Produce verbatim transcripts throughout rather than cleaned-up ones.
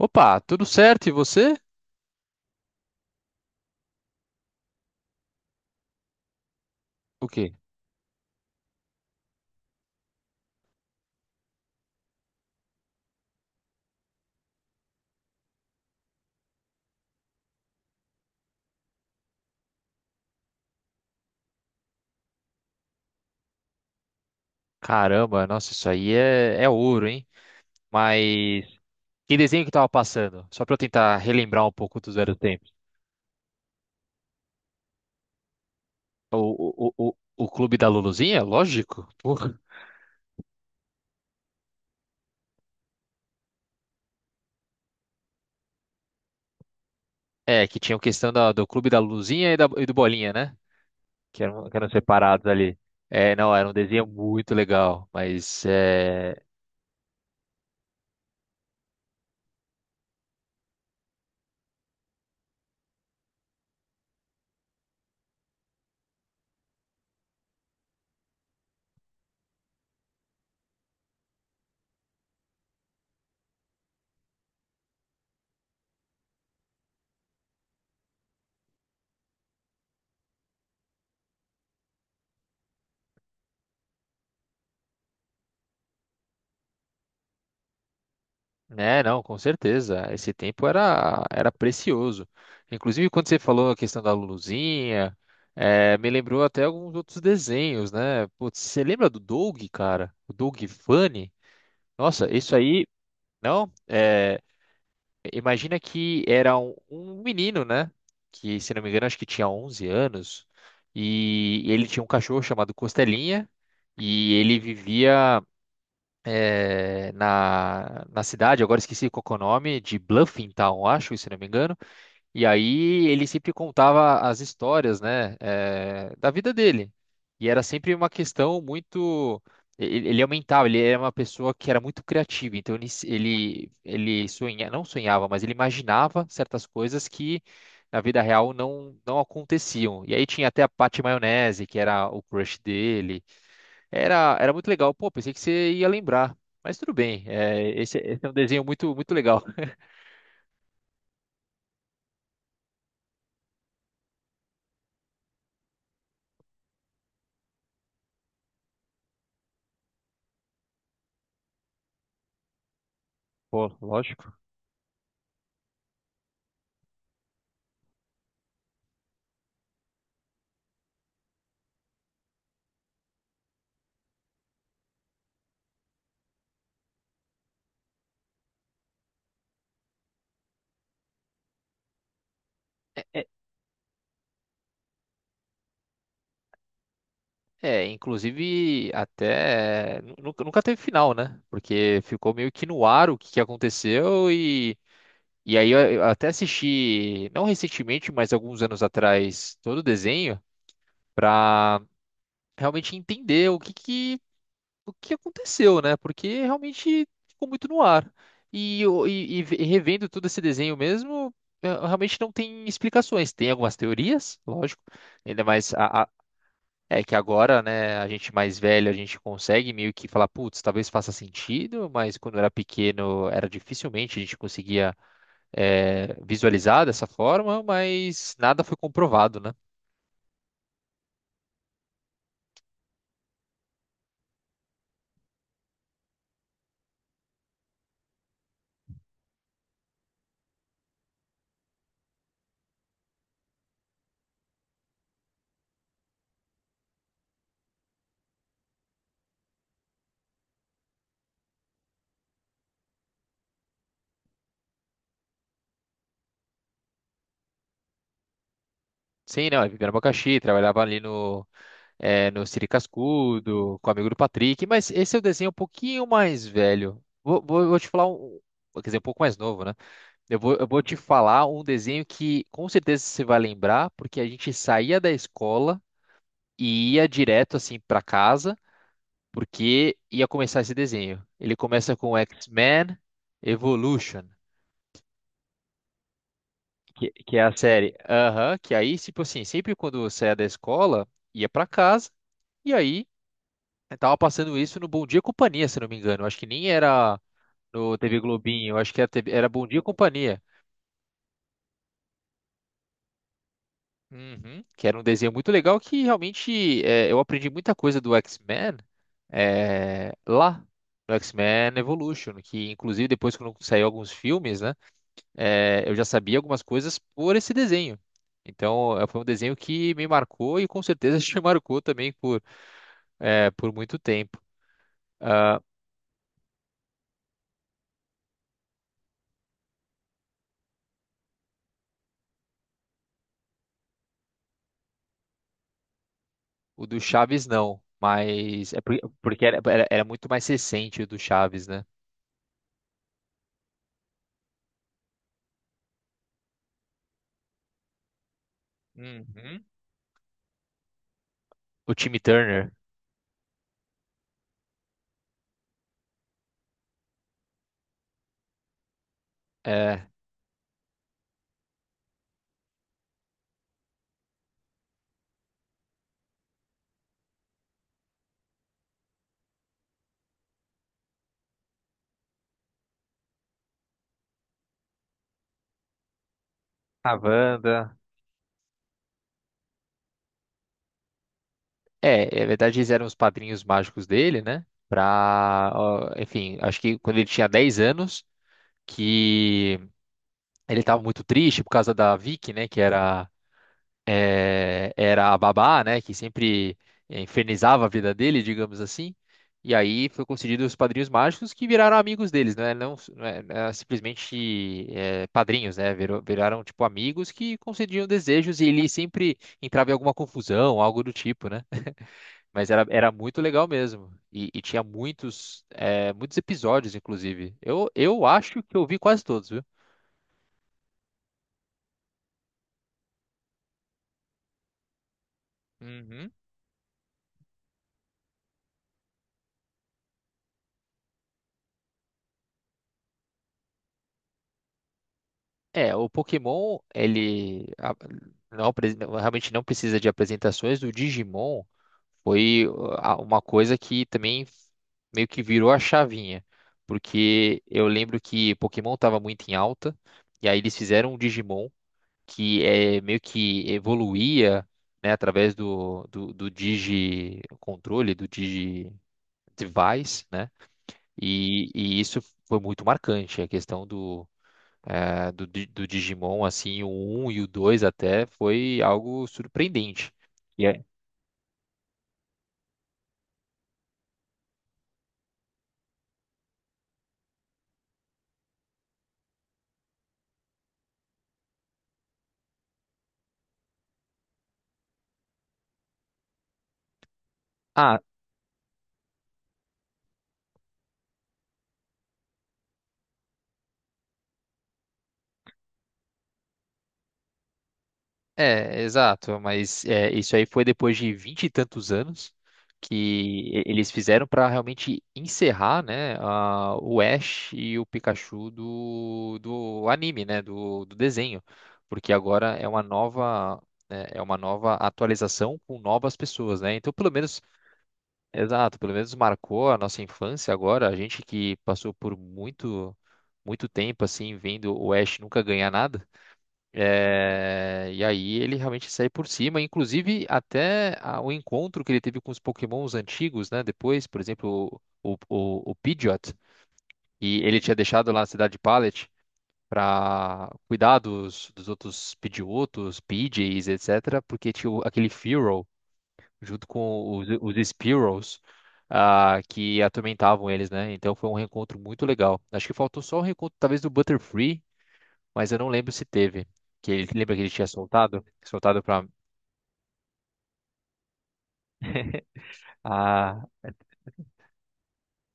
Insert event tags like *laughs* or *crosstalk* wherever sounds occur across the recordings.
Opa, tudo certo? E você? O quê? Caramba, nossa, isso aí é, é ouro, hein? Mas que desenho que tava passando? Só pra eu tentar relembrar um pouco dos velhos tempos. O, o, o, o o Clube da Luluzinha? Lógico. Porra. É, que tinha a questão da- do Clube da Luluzinha e, da, e do Bolinha, né? Que eram, que eram separados ali. É, não, era um desenho muito legal, mas é. É, não, com certeza. Esse tempo era, era precioso. Inclusive, quando você falou a questão da Luluzinha, eh, me lembrou até alguns outros desenhos, né? Putz, você lembra do Doug, cara? O Doug Funny? Nossa, isso aí, não? É, imagina que era um, um menino, né? Que, se não me engano, acho que tinha onze anos. E ele tinha um cachorro chamado Costelinha. E ele vivia eh, na, na cidade, agora esqueci qual que é o nome, de Bluffing Town, acho, se não me engano. E aí ele sempre contava as histórias, né, eh, da vida dele. E era sempre uma questão muito. Ele, ele aumentava, ele era uma pessoa que era muito criativa, então ele, ele, ele sonha, não sonhava, mas ele imaginava certas coisas que na vida real não, não aconteciam. E aí tinha até a Patty Maionese, que era o crush dele. Era, era muito legal. Pô, pensei que você ia lembrar. Mas tudo bem. É, esse, esse é um desenho muito, muito legal. Pô, lógico. É, é- é, inclusive até nu- nunca, nunca teve final, né? Porque ficou meio que no ar o que, que aconteceu, e e aí eu, eu até assisti, não recentemente, mas alguns anos atrás, todo o desenho pra realmente entender o que, o que aconteceu, né? Porque realmente ficou muito no ar. E, eu- e, e ve- e revendo todo esse desenho mesmo, eh, realmente não tem explicações. Tem algumas teorias, lógico, ainda mais a, a- é que agora, né, a gente mais velho, a gente consegue meio que falar, putz, talvez faça sentido, mas quando era pequeno era dificilmente a gente conseguia eh, visualizar dessa forma, mas nada foi comprovado, né? Sim, não, é Viviane Abacaxi, trabalhava ali é, no Siri Cascudo, com o amigo do Patrick, mas esse é o desenho um pouquinho mais velho. Vou, vou- vou te falar um. Quer dizer, um pouco mais novo, né? Eu vou, eu vou te falar um desenho que com certeza você vai lembrar, porque a gente saía da escola e ia direto assim para casa, porque ia começar esse desenho. Ele começa com X-Men Evolution, que, que é a série. Aham, que aí, tipo assim, sempre quando eu saía da escola, ia para casa. E aí eu tava passando isso no Bom Dia e Companhia, se não me engano. Acho que nem era no T V Globinho, acho que era, T V era Bom Dia e Companhia. Uhum. Que era um desenho muito legal que realmente é, eu aprendi muita coisa do X-Men é, lá. No X-Men Evolution, que inclusive depois quando saiu alguns filmes, né, é, eu já sabia algumas coisas por esse desenho. Então, é, foi um desenho que me marcou e com certeza *laughs* te marcou também por, é, por muito tempo. Ah, o do Chaves não, mas é por- porque era, era, era muito mais recente o do Chaves, né? Uhum. O Timmy Turner, é, a Wanda. É, na verdade eles eram os padrinhos mágicos dele, né? Pra, ó, enfim, acho que quando ele tinha dez anos, que ele tava muito triste por causa da Vicky, né? Que era eh, era a babá, né, que sempre eh, infernizava a vida dele, digamos assim. E aí foi concedido os padrinhos mágicos que viraram amigos deles, né? Não, não é- não é simplesmente eh, padrinhos, né? Virou- viraram tipo amigos que concediam desejos e ele sempre entrava em alguma confusão, algo do tipo, né? Mas era, era muito legal mesmo. E, e tinha muitos, eh, muitos episódios, inclusive. Eu, eu acho que eu vi quase todos, viu? Uhum. É, o Pokémon, ele a- não apres- realmente não precisa de apresentações. O Digimon foi uh, a- uma coisa que também meio que virou a chavinha, porque eu lembro que Pokémon estava muito em alta, e aí eles fizeram um Digimon que é meio que evoluía, né, através do, do, do Digi controle, do Digi device, né? E, e isso foi muito marcante, a questão do eh, do, Di- do Digimon, assim, o um e o dois até, foi algo surpreendente. E é- Ah, é, exato, mas é, isso aí foi depois de vinte e tantos anos que e- eles fizeram para realmente encerrar, né, a- o Ash e o Pikachu do, do anime, né, do, do desenho, porque agora é uma nova, né, é uma nova atualização com novas pessoas, né? Então, pelo menos exato, pelo menos marcou a nossa infância agora, a gente que passou por muito muito tempo assim vendo o Ash nunca ganhar nada. É, e aí ele realmente sai por cima, inclusive até a- o encontro que ele teve com os Pokémons antigos, né? Depois, por exemplo, o, o, o Pidgeot, e ele tinha deixado lá na cidade de Pallet para cuidar dos, dos outros Pidgeotos, Pidgeys, etc., porque tinha o- aquele Fearow junto com os, os Sparrows, ah, que atormentavam eles, né? Então foi um reencontro muito legal. Acho que faltou só o reencontro, talvez, do Butterfree, mas eu não lembro se teve. Que ele, lembra que ele tinha soltado? Soltado pra. Ah,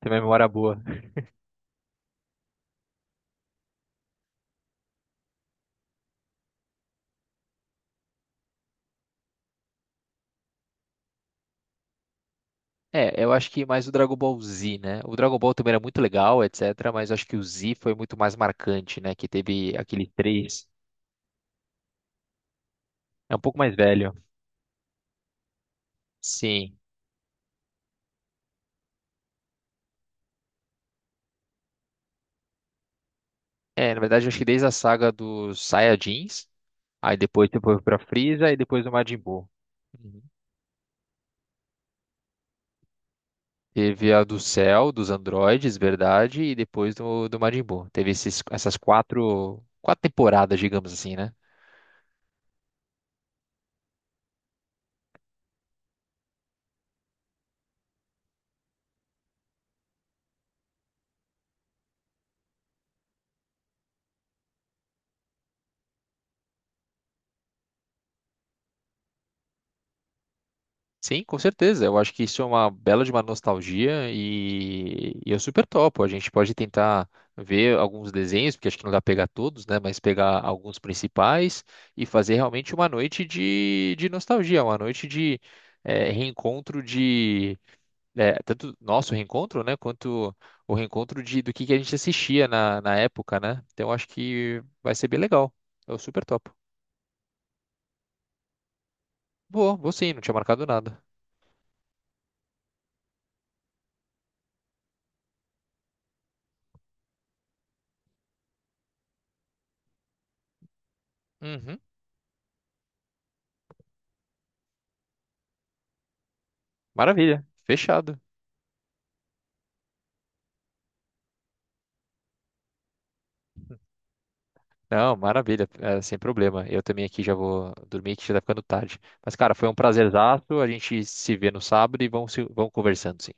tem uma memória boa. É, eu acho que mais o Dragon Ball Z, né? O Dragon Ball também era muito legal, etcétera. Mas acho que o Z foi muito mais marcante, né? Que teve aquele três. É um pouco mais velho. Sim. É, na verdade, eu acho que desde a saga dos Saiyajins. Aí depois você foi pra Frieza e depois do Majin Buu. Uhum. Teve a do Cell, dos androides, verdade, e depois do, do Majin Buu. Teve esses, essas quatro, quatro temporadas, digamos assim, né? Sim, com certeza. Eu acho que isso é uma bela de uma nostalgia e, e eu super topo. A gente pode tentar ver alguns desenhos, porque acho que não dá pra pegar todos, né? Mas pegar alguns principais e fazer realmente uma noite de, de nostalgia, uma noite de eh, reencontro de. É, tanto nosso reencontro, né, quanto o reencontro de, do que, que a gente assistia na, na época, né? Então acho que vai ser bem legal. Eu super topo. Vou, vou sim, não tinha marcado nada. Uhum, maravilha, fechado. Não, maravilha, é, sem problema. Eu também aqui já vou dormir, que já tá ficando tarde. Mas, cara, foi um prazerzaço. A gente se vê no sábado e vamos, se- vamos conversando, sim.